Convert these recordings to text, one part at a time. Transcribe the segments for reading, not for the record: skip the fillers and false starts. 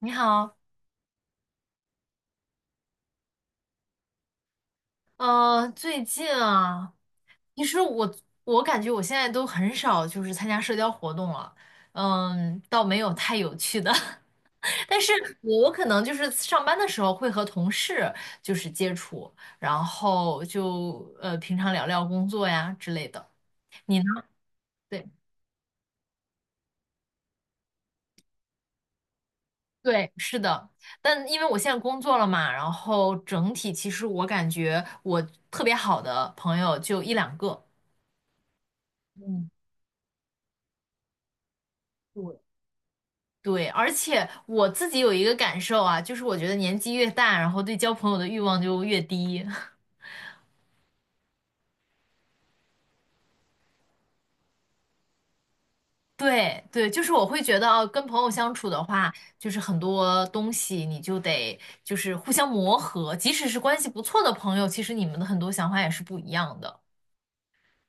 你好，最近啊，其实我感觉我现在都很少就是参加社交活动了，嗯，倒没有太有趣的，但是我可能就是上班的时候会和同事就是接触，然后就平常聊聊工作呀之类的。你呢？对对，是的，但因为我现在工作了嘛，然后整体其实我感觉我特别好的朋友就一两个。嗯，对。对，而且我自己有一个感受啊，就是我觉得年纪越大，然后对交朋友的欲望就越低。对对，就是我会觉得哦跟朋友相处的话，就是很多东西你就得就是互相磨合，即使是关系不错的朋友，其实你们的很多想法也是不一样的，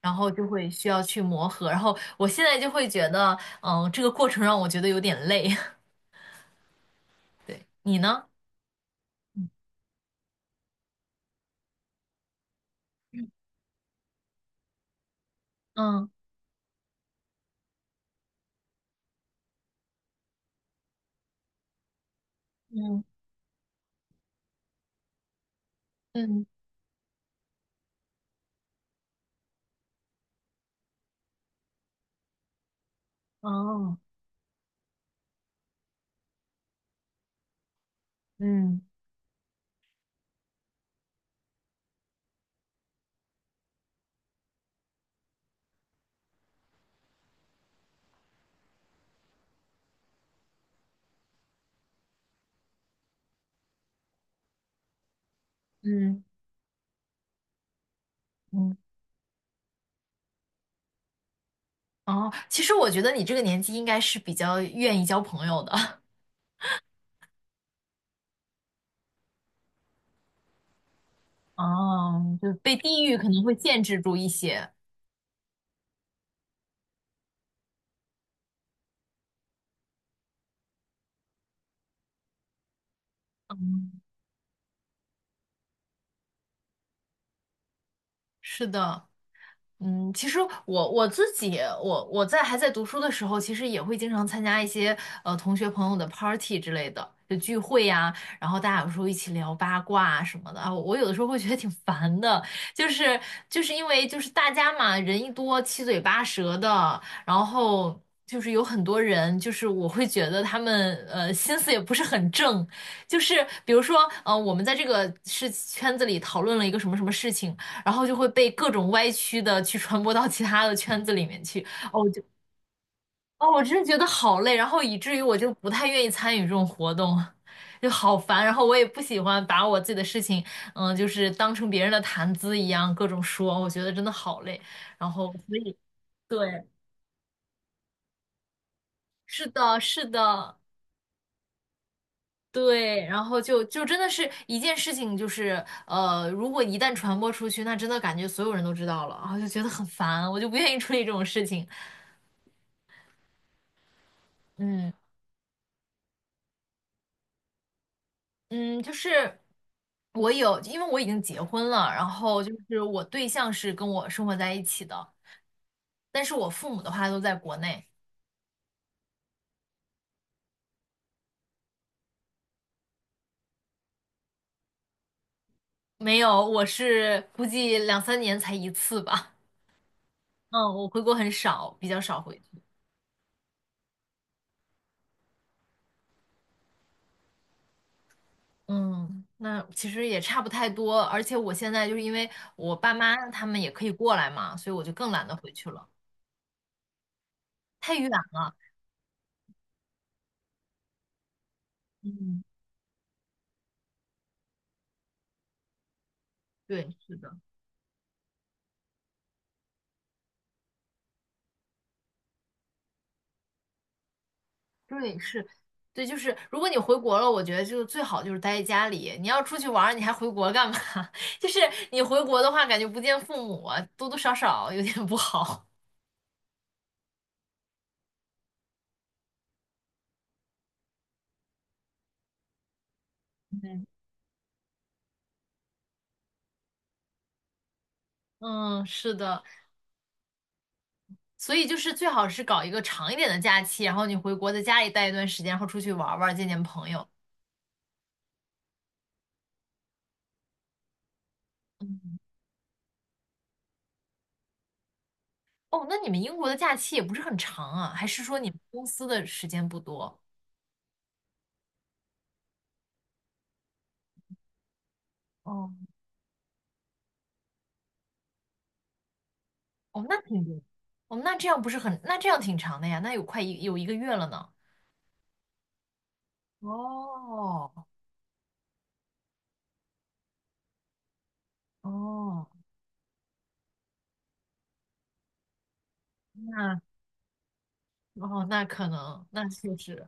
然后就会需要去磨合。然后我现在就会觉得，嗯，这个过程让我觉得有点累。对，你呢？嗯嗯嗯，哦，嗯嗯嗯。哦，其实我觉得你这个年纪应该是比较愿意交朋友的。哦，就被地域可能会限制住一些。是的。嗯，其实我自己，我在还在读书的时候，其实也会经常参加一些同学朋友的 party 之类的，就聚会呀、然后大家有时候一起聊八卦啊什么的啊，我有的时候会觉得挺烦的，就是就是因为就是大家嘛，人一多七嘴八舌的，然后就是有很多人，就是我会觉得他们心思也不是很正，就是比如说，我们在这个事圈子里讨论了一个什么什么事情，然后就会被各种歪曲的去传播到其他的圈子里面去。哦，我就哦，我真的觉得好累，然后以至于我就不太愿意参与这种活动，就好烦。然后我也不喜欢把我自己的事情，嗯，就是当成别人的谈资一样各种说，我觉得真的好累。然后所以对，是的，是的。对，然后就真的是一件事情，就是如果一旦传播出去，那真的感觉所有人都知道了，然后就觉得很烦，我就不愿意处理这种事情。嗯，嗯，就是我有，因为我已经结婚了，然后就是我对象是跟我生活在一起的，但是我父母的话都在国内，没有，我是估计两三年才一次吧。嗯，我回国很少，比较少回去。嗯，那其实也差不太多，而且我现在就是因为我爸妈他们也可以过来嘛，所以我就更懒得回去了，太远了。嗯，对，是的。对，是，对，就是如果你回国了，我觉得就最好就是待在家里。你要出去玩儿，你还回国干嘛？就是你回国的话，感觉不见父母啊，多多少少有点不好。嗯，嗯，是的，所以就是最好是搞一个长一点的假期，然后你回国在家里待一段时间，然后出去玩儿玩儿见见朋友。嗯哦，那你们英国的假期也不是很长啊，还是说你们公司的时间不多？哦，哦，那挺多。哦，那这样不是很，那这样挺长的呀，那有快一有一个月了呢。哦哦，那哦那可能那确实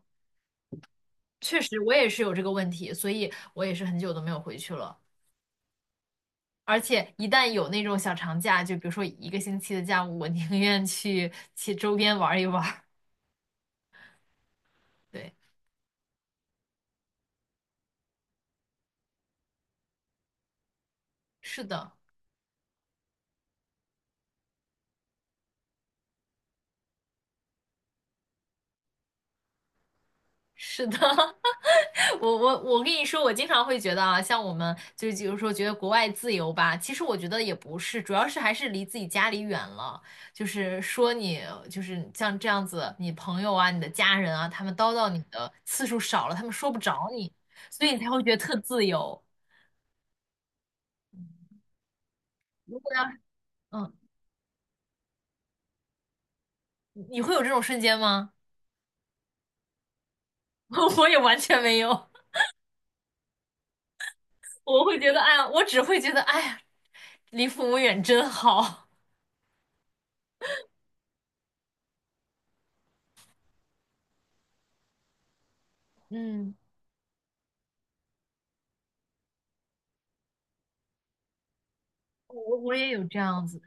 确实我也是有这个问题，所以我也是很久都没有回去了。而且一旦有那种小长假，就比如说一个星期的假，我宁愿去周边玩一玩对，是的。是的，我跟你说，我经常会觉得啊，像我们就是比如说觉得国外自由吧，其实我觉得也不是，主要是还是离自己家里远了。就是说你就是像这样子，你朋友啊、你的家人啊，他们叨叨你的次数少了，他们说不着你，所以你才会觉得特自由。如果要是嗯，你会有这种瞬间吗？我也完全没有，我会觉得哎呀，我只会觉得哎呀，离父母远真好。嗯，我也有这样子。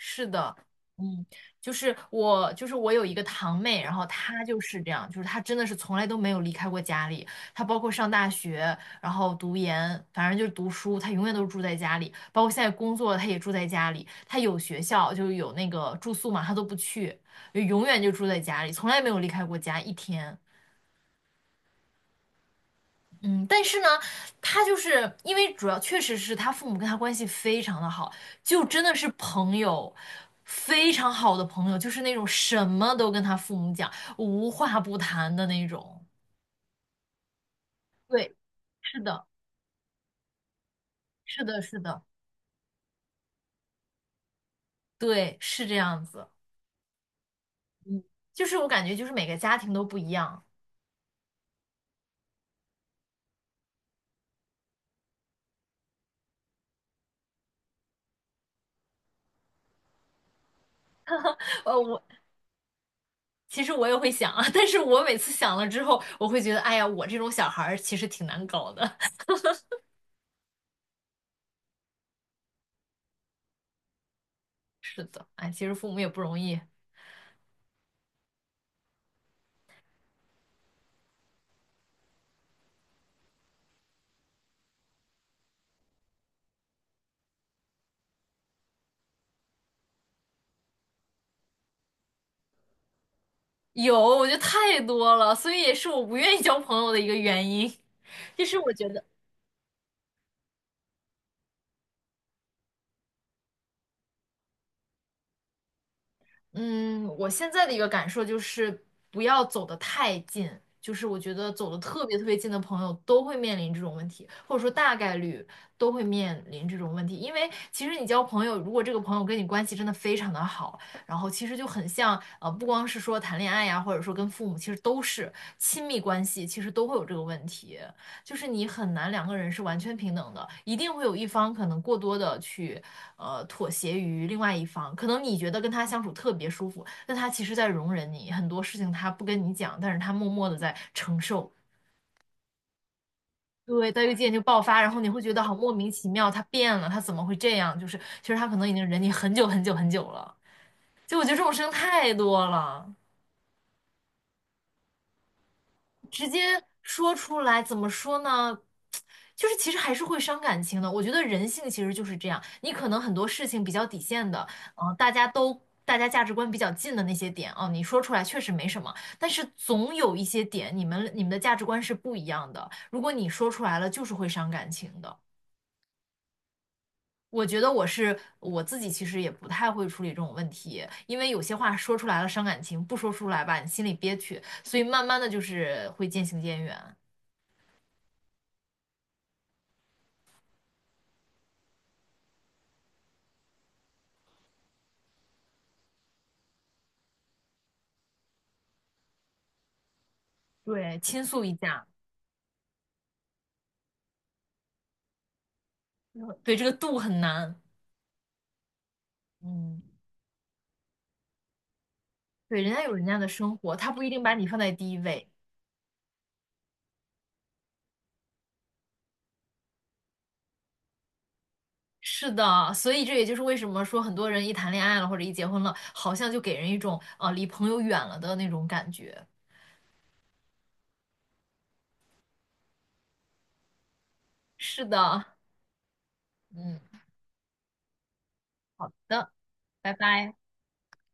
是的，嗯，就是我，就是我有一个堂妹，然后她就是这样，就是她真的是从来都没有离开过家里，她包括上大学，然后读研，反正就是读书，她永远都是住在家里，包括现在工作，她也住在家里，她有学校就有那个住宿嘛，她都不去，就永远就住在家里，从来没有离开过家一天。嗯，但是呢，他就是因为主要确实是他父母跟他关系非常的好，就真的是朋友，非常好的朋友，就是那种什么都跟他父母讲，无话不谈的那种。对，是的，是的，是的，对，是这样子。就是我感觉就是每个家庭都不一样。呃，我其实我也会想啊，但是我每次想了之后，我会觉得，哎呀，我这种小孩儿其实挺难搞的。是的，哎，其实父母也不容易。有，我觉得太多了，所以也是我不愿意交朋友的一个原因。就是我觉得，嗯，我现在的一个感受就是不要走得太近，就是我觉得走得特别特别近的朋友都会面临这种问题，或者说大概率都会面临这种问题。因为其实你交朋友，如果这个朋友跟你关系真的非常的好，然后其实就很像，不光是说谈恋爱呀，或者说跟父母，其实都是亲密关系，其实都会有这个问题。就是你很难两个人是完全平等的，一定会有一方可能过多的去妥协于另外一方。可能你觉得跟他相处特别舒服，但他其实在容忍你很多事情，他不跟你讲，但是他默默的在承受。对，到一个节点就爆发，然后你会觉得好莫名其妙，他变了，他怎么会这样？就是其实他可能已经忍你很久很久很久了。就我觉得这种事情太多了。直接说出来，怎么说呢？就是其实还是会伤感情的。我觉得人性其实就是这样，你可能很多事情比较底线的，嗯、大家都大家价值观比较近的那些点哦，你说出来确实没什么，但是总有一些点，你们的价值观是不一样的。如果你说出来了，就是会伤感情的。我觉得我是我自己，其实也不太会处理这种问题，因为有些话说出来了伤感情，不说出来吧，你心里憋屈，所以慢慢的就是会渐行渐远。对，倾诉一下，对，这个度很难。嗯，对，人家有人家的生活，他不一定把你放在第一位。是的，所以这也就是为什么说很多人一谈恋爱了或者一结婚了，好像就给人一种离朋友远了的那种感觉。是的，嗯，好的，拜拜。